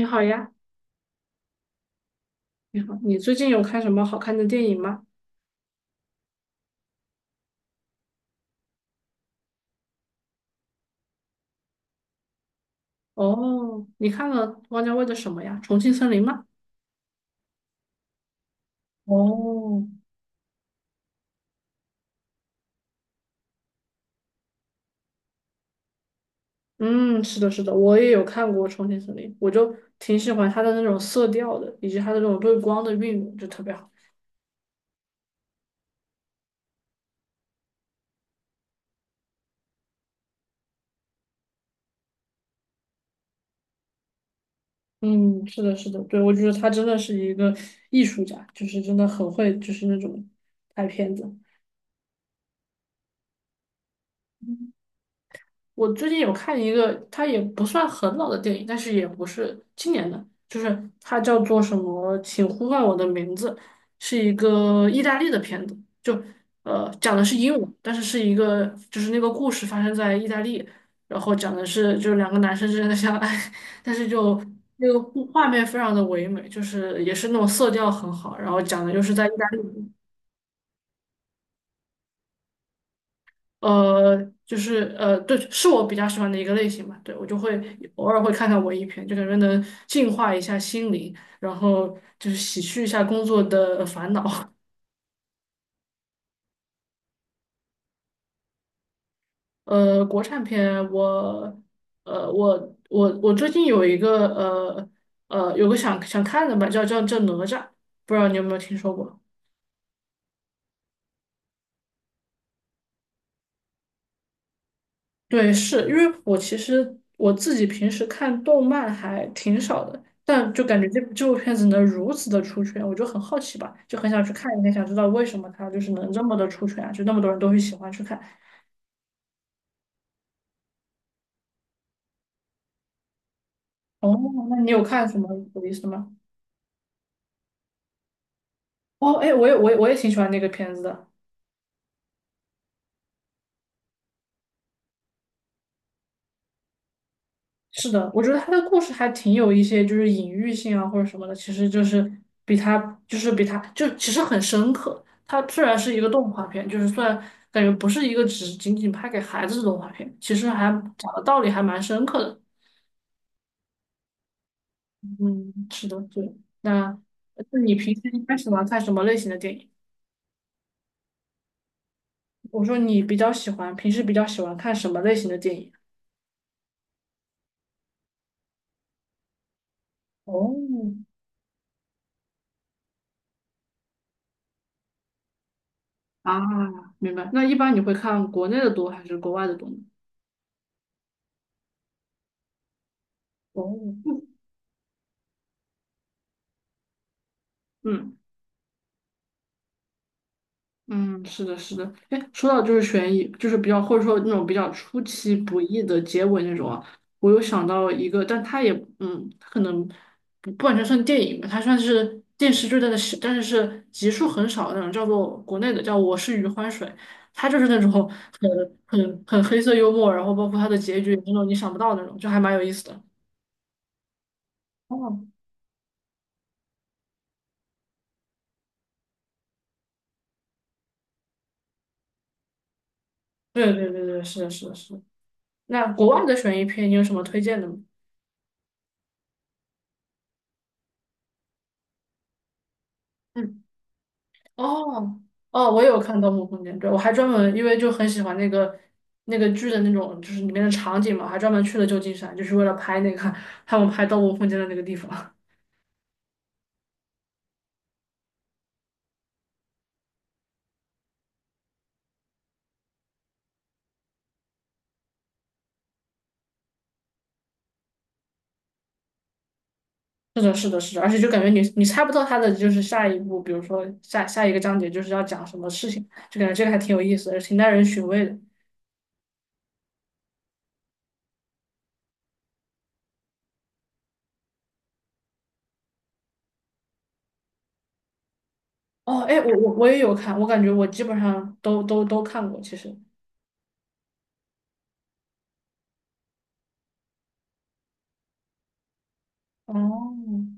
你好呀，你好，你最近有看什么好看的电影吗？哦，你看了汪家卫的什么呀？《重庆森林》吗？哦，嗯，是的，是的，我也有看过《重庆森林》，我就挺喜欢他的那种色调的，以及他的那种对光的运用，就特别好。嗯，是的，是的，对，我觉得他真的是一个艺术家，就是真的很会，就是那种拍片子。我最近有看一个，它也不算很老的电影，但是也不是今年的，就是它叫做什么《请呼唤我的名字》，是一个意大利的片子，就讲的是英文，但是一个就是那个故事发生在意大利，然后讲的是就是两个男生之间的相爱，但是就那个画面非常的唯美，就是也是那种色调很好，然后讲的就是在意大利。呃，就是对，是我比较喜欢的一个类型吧。对，我就会偶尔会看看文艺片，就感觉能净化一下心灵，然后就是洗去一下工作的烦恼。国产片我，我最近有一个有个想看的吧，叫哪吒，不知道你有没有听说过？对，是因为我其实我自己平时看动漫还挺少的，但就感觉这部片子能如此的出圈，我就很好奇吧，就很想去看一看，想知道为什么它就是能这么的出圈啊，就那么多人都会喜欢去看。哦，那你有看什么有意思的吗？哦，哎，我也挺喜欢那个片子的。是的，我觉得他的故事还挺有一些就是隐喻性啊或者什么的，其实就是比他比他就其实很深刻。它虽然是一个动画片，就是虽然感觉不是一个只仅仅拍给孩子的动画片，其实还讲的道理还蛮深刻的。嗯，是的，对。那那你平时一般喜欢看什么类型的电影？我说你比较喜欢，平时比较喜欢看什么类型的电影？哦，啊，明白。那一般你会看国内的多还是国外的多呢？哦，嗯嗯。嗯，是的，是的。哎，说到就是悬疑，就是比较或者说那种比较出其不意的结尾那种啊，我有想到一个，但它也它可能不完全算电影吧，它算是电视剧，但是是集数很少的那种，叫做国内的叫《我是余欢水》，它就是那种很黑色幽默，然后包括它的结局也是那种你想不到的那种，就还蛮有意思的。哦，对对对对，是的，是的，是的。那国外的悬疑片，你有什么推荐的吗？嗯。哦哦，我有看《盗墓空间》，对，我还专门因为就很喜欢那个剧的那种，就是里面的场景嘛，还专门去了旧金山，就是为了拍那个他们拍《盗墓空间》的那个地方。是的，是的，是的，而且就感觉你猜不到他的就是下一步，比如说下一个章节就是要讲什么事情，就感觉这个还挺有意思的，挺耐人寻味的。哦，哎，我也有看，我感觉我基本上都看过，其实。哦，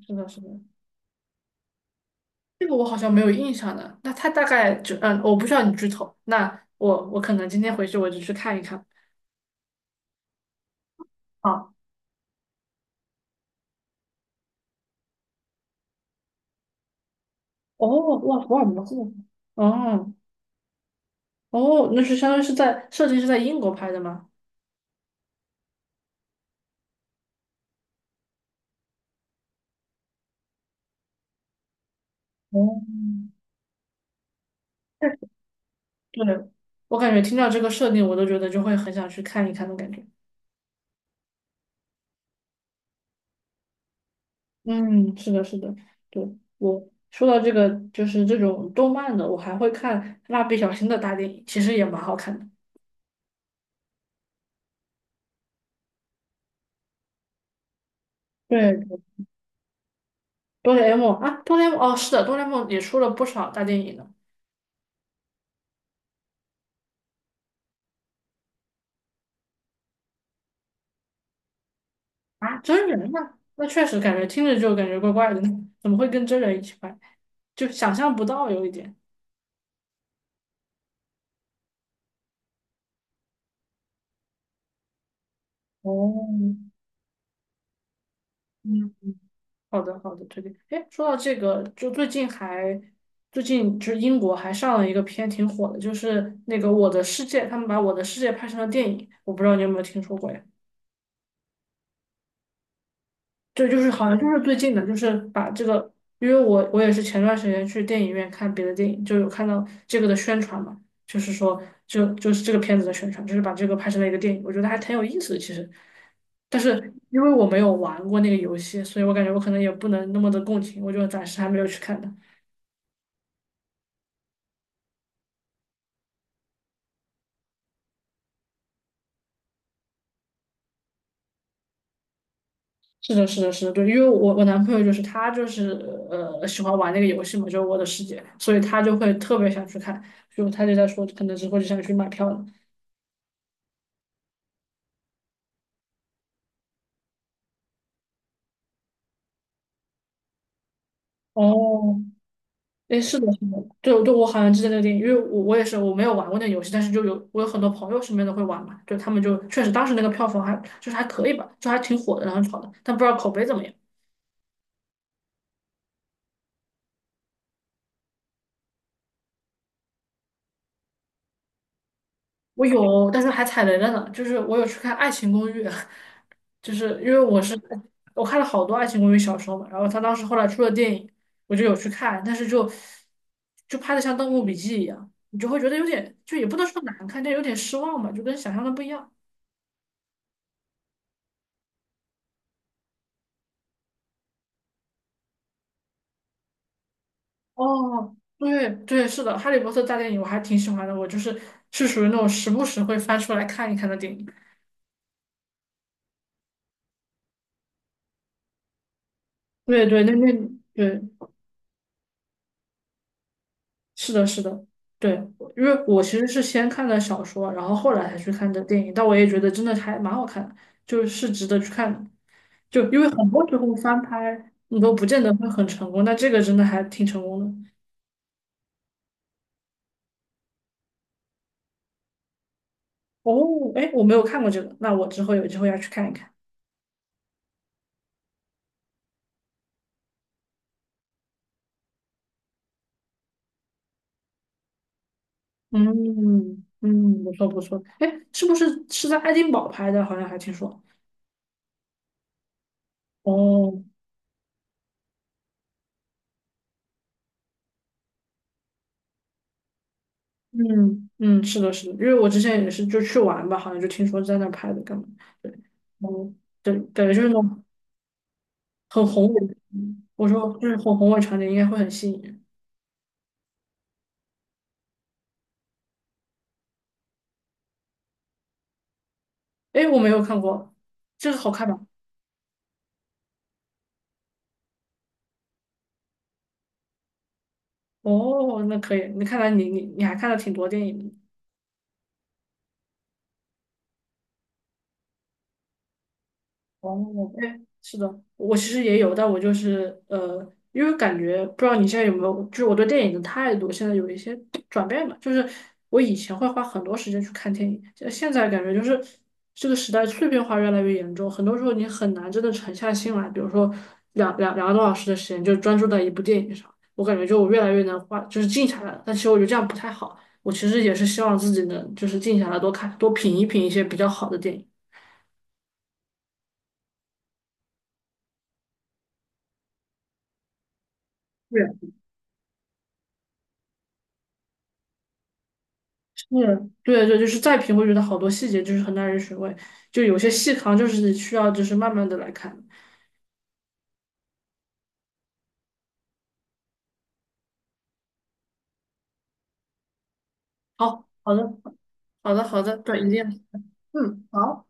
是的，是的。这个我好像没有印象的。那他大概就我不需要你剧透。那我可能今天回去我就去看一看。啊，哦，哇，福尔摩斯，哦哦，那是相当于是在设定是在英国拍的吗？哦，确实对，我感觉听到这个设定，我都觉得就会很想去看一看的感觉。嗯，是的，是的，对，我说到这个，就是这种动漫的，我还会看《蜡笔小新》的大电影，其实也蛮好看的。对，哆啦 A 梦啊，哆啦 A 梦哦，是的，哆啦 A 梦也出了不少大电影呢。啊，真人吗？那确实感觉听着就感觉怪怪的呢，怎么会跟真人一起拍？就想象不到有一点。哦，嗯，好的好的，推荐。哎，说到这个，就最近就是英国还上了一个片挺火的，就是那个《我的世界》，他们把《我的世界》拍成了电影，我不知道你有没有听说过呀？对，就是好像就是最近的，就是把这个，因为我也是前段时间去电影院看别的电影，就有看到这个的宣传嘛，就是说就是这个片子的宣传，就是把这个拍成了一个电影，我觉得还挺有意思的其实，但是因为我没有玩过那个游戏，所以我感觉我可能也不能那么的共情，我就暂时还没有去看它。是的，是的，是的，对，因为我男朋友就是他就是喜欢玩那个游戏嘛，就是《我的世界》，所以他就会特别想去看，就他就在说可能之后就想去买票了。哦，哎，是的，是的，对，对，我好像记得那个电影，因为我也是我没有玩过那个游戏，但是就有我有很多朋友身边都会玩嘛，就他们就确实当时那个票房还就是还可以吧，就还挺火的，然后炒的，但不知道口碑怎么样。我有，但是还踩雷了呢，就是我有去看《爱情公寓》，就是因为我是我看了好多《爱情公寓》小说嘛，然后他当时后来出了电影，我就有去看，但是就拍的像《盗墓笔记》一样，你就会觉得有点就也不能说难看，但有点失望嘛，就跟想象的不一样。哦，对对，是的，《哈利波特》大电影我还挺喜欢的，我就是属于那种时不时会翻出来看一看的电影。对对，那对，是的，是的，对，因为我其实是先看的小说，然后后来才去看的电影，但我也觉得真的还蛮好看的，就是值得去看的。就因为很多时候翻拍你都不见得会很成功，但这个真的还挺成功的。哦，哎，我没有看过这个，那我之后有机会要去看一看。嗯嗯，不错不错。哎，是不是在爱丁堡拍的？好像还听说。哦，嗯嗯，是的，是的，因为我之前也是就去玩吧，好像就听说在那儿拍的，干嘛？对，哦，对，感觉就是那种很宏伟的我说就是很宏伟场景，应该会很吸引人。哎，我没有看过，这个好看吧？哦，那可以。那看来你还看了挺多电影的。哦，哎，是的，我其实也有，但我就是因为感觉不知道你现在有没有，就是我对电影的态度现在有一些转变吧。就是我以前会花很多时间去看电影，现在感觉就是这个时代碎片化越来越严重，很多时候你很难真的沉下心来，比如说两个多小时的时间就专注在一部电影上，我感觉就我越来越能花，就是静下来了。但其实我觉得这样不太好，我其实也是希望自己能就是静下来多看多品一品一些比较好的电影。对。嗯，对对，就是再品会觉得好多细节就是很耐人寻味，就有些细糠就是需要就是慢慢的来看。好，好的，好的，好的，对，一定，嗯，好。